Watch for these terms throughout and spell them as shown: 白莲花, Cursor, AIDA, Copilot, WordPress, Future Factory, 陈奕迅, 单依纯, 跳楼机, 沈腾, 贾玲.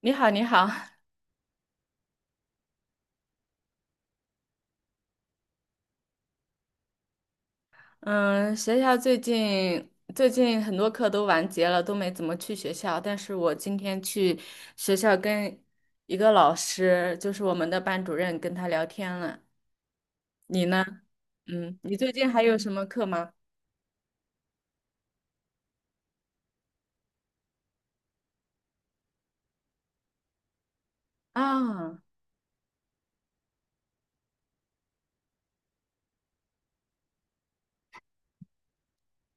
你好，你好，嗯，学校最近很多课都完结了，都没怎么去学校。但是我今天去学校跟一个老师，就是我们的班主任，跟他聊天了。你呢？嗯，你最近还有什么课吗？啊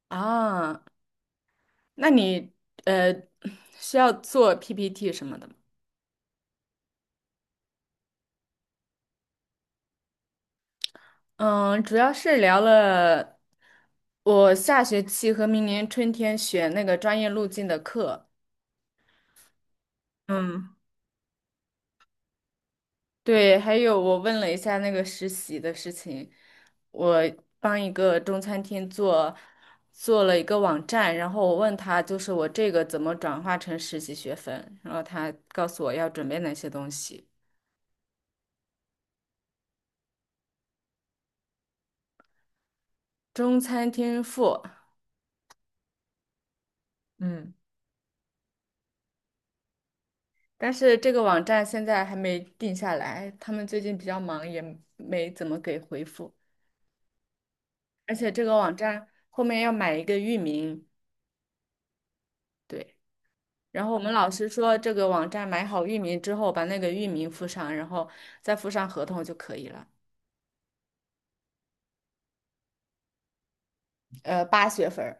啊，那你呃需要做 PPT 什么的吗？嗯，主要是聊了我下学期和明年春天选那个专业路径的课。嗯。对，还有我问了一下那个实习的事情，我帮一个中餐厅做了一个网站，然后我问他就是我这个怎么转化成实习学分，然后他告诉我要准备哪些东西，中餐厅付，嗯，但是这个网站现在还没定下来，他们最近比较忙，也没怎么给回复，而且这个网站后面要买一个域名。对。然后我们老师说，这个网站买好域名之后，把那个域名附上，然后再附上合同就可以了。8学分儿。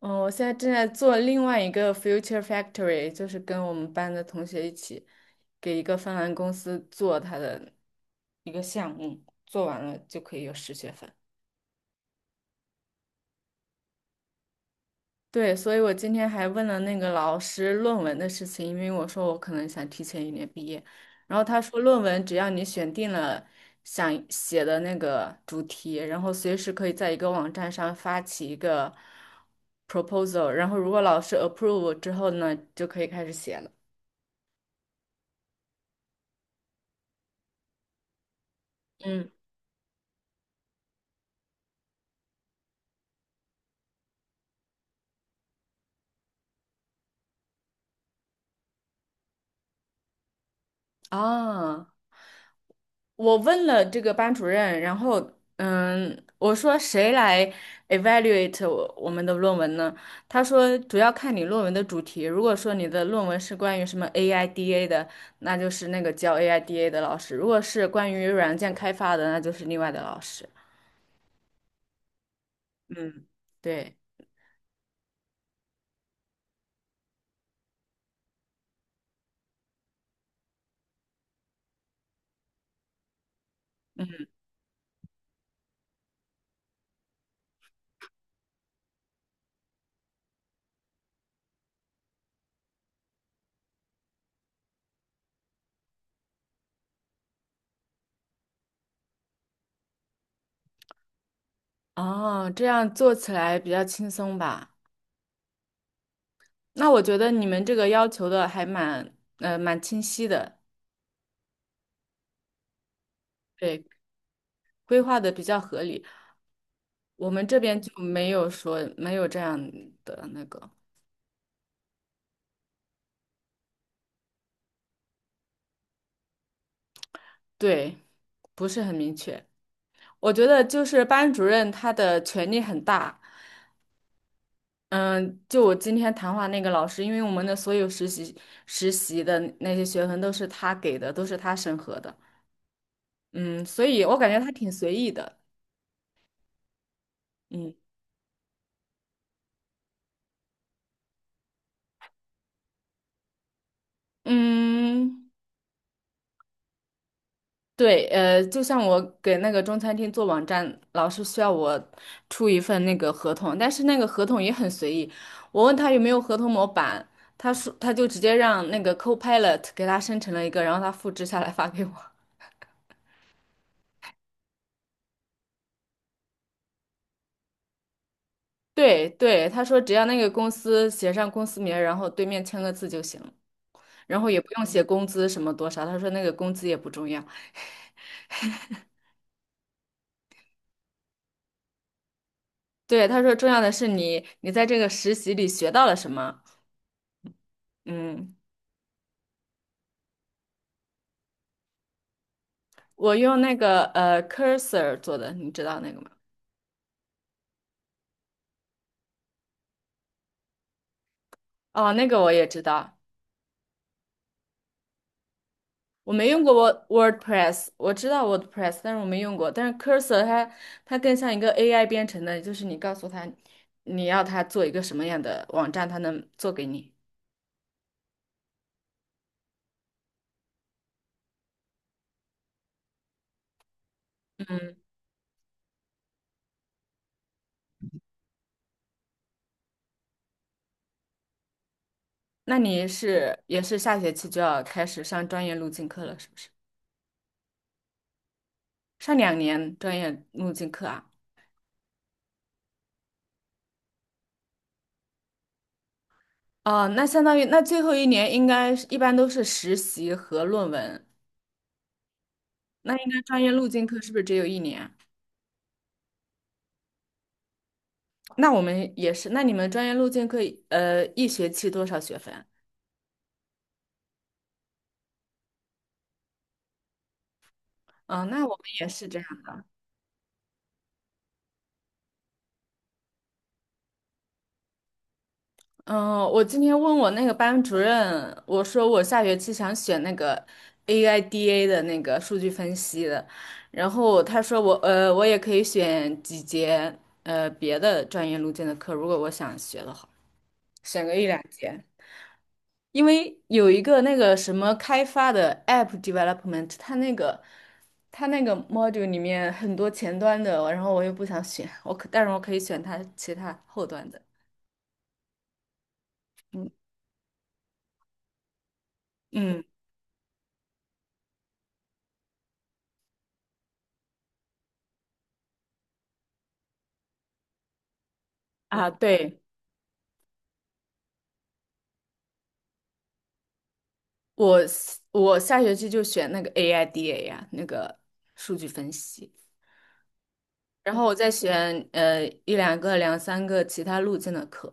嗯，我现在正在做另外一个 Future Factory，就是跟我们班的同学一起给一个芬兰公司做他的一个项目，做完了就可以有十学分。对，所以我今天还问了那个老师论文的事情，因为我说我可能想提前一年毕业，然后他说论文只要你选定了想写的那个主题，然后随时可以在一个网站上发起一个 proposal，然后如果老师 approve 之后呢，就可以开始写了。嗯，啊。我问了这个班主任，然后嗯，我说谁来 evaluate 我们的论文呢？他说主要看你论文的主题，如果说你的论文是关于什么 AIDA 的，那就是那个教 AIDA 的老师；如果是关于软件开发的，那就是另外的老师。嗯，对，嗯，哦，这样做起来比较轻松吧？那我觉得你们这个要求的还蛮清晰的，对，规划的比较合理。我们这边就没有说没有这样的那个，对，不是很明确。我觉得就是班主任他的权力很大，嗯，就我今天谈话那个老师，因为我们的所有实习的那些学分都是他给的，都是他审核的，嗯，所以我感觉他挺随意的，嗯嗯。对，就像我给那个中餐厅做网站，老是需要我出一份那个合同，但是那个合同也很随意。我问他有没有合同模板，他说他就直接让那个 Copilot 给他生成了一个，然后他复制下来发给我。对对，他说只要那个公司写上公司名儿然后对面签个字就行了，然后也不用写工资什么多少。他说那个工资也不重要，对，他说重要的是你在这个实习里学到了什么。嗯，我用那个Cursor 做的，你知道那个吗？哦，那个我也知道，我没用过 WordPress，我知道 WordPress，但是我没用过。但是 Cursor 它更像一个 AI 编程的，就是你告诉它你要它做一个什么样的网站，它能做给你。嗯，那你是也是下学期就要开始上专业路径课了，是不是？上2年专业路径课啊？哦，那相当于那最后一年应该是一般都是实习和论文。那应该专业路径课是不是只有一年？那我们也是，那你们专业路径课一学期多少学分？嗯，那我们也是这样的。嗯，我今天问我那个班主任，我说我下学期想选那个 AIDA 的那个数据分析的，然后他说我也可以选几节别的专业路径的课，如果我想学的话，选个一两节。因为有一个那个什么开发的 app development，它那个 module 里面很多前端的，然后我又不想选，但是我可以选它其他后端的。嗯，嗯啊，对，我我下学期就选那个 AIDA 呀、那个数据分析，然后我再选一两个、两三个其他路径的课，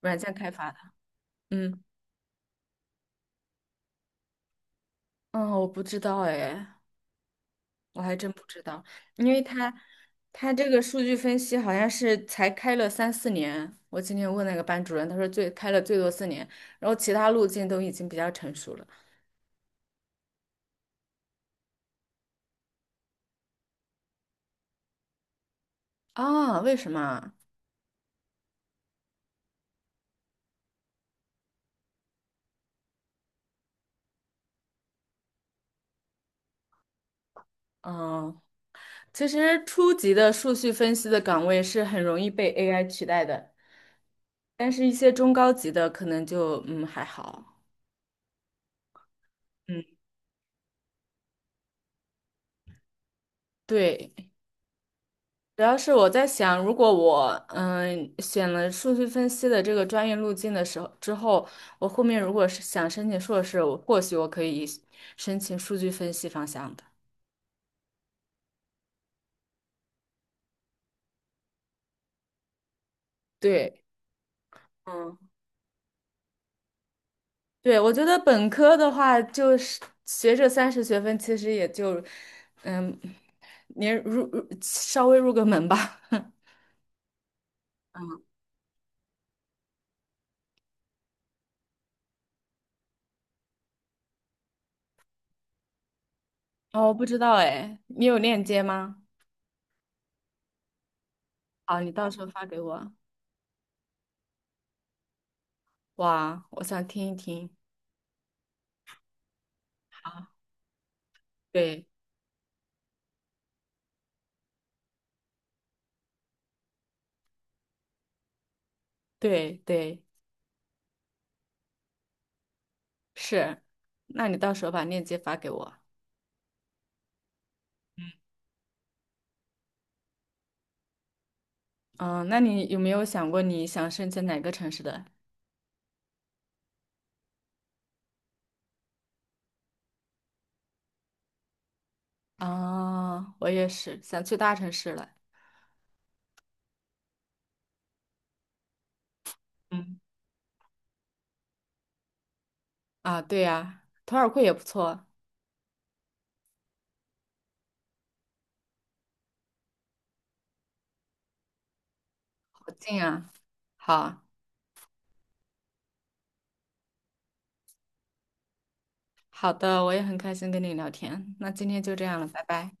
软件开发的。嗯嗯，我不知道哎，我还真不知道，因为他这个数据分析好像是才开了三四年。我今天问那个班主任，他说最开了最多四年，然后其他路径都已经比较成熟了。啊，为什么啊？嗯，其实初级的数据分析的岗位是很容易被 AI 取代的，但是一些中高级的可能就还好。嗯，对。主要是我在想，如果我选了数据分析的这个专业路径的时候之后，我后面如果是想申请硕士，或许我可以申请数据分析方向的。对，嗯，对，我觉得本科的话，就是学这30学分，其实也就嗯，你入稍微入个门吧。嗯哦，我不知道哎，你有链接吗？好，你到时候发给我。哇，我想听一听。啊，对对对。是，那你到时候把链接发给我。嗯，那你有没有想过你想申请哪个城市的？啊，我也是想去大城市了。嗯，啊，对呀，图尔库也不错，好近啊。好，好的，我也很开心跟你聊天。那今天就这样了，拜拜。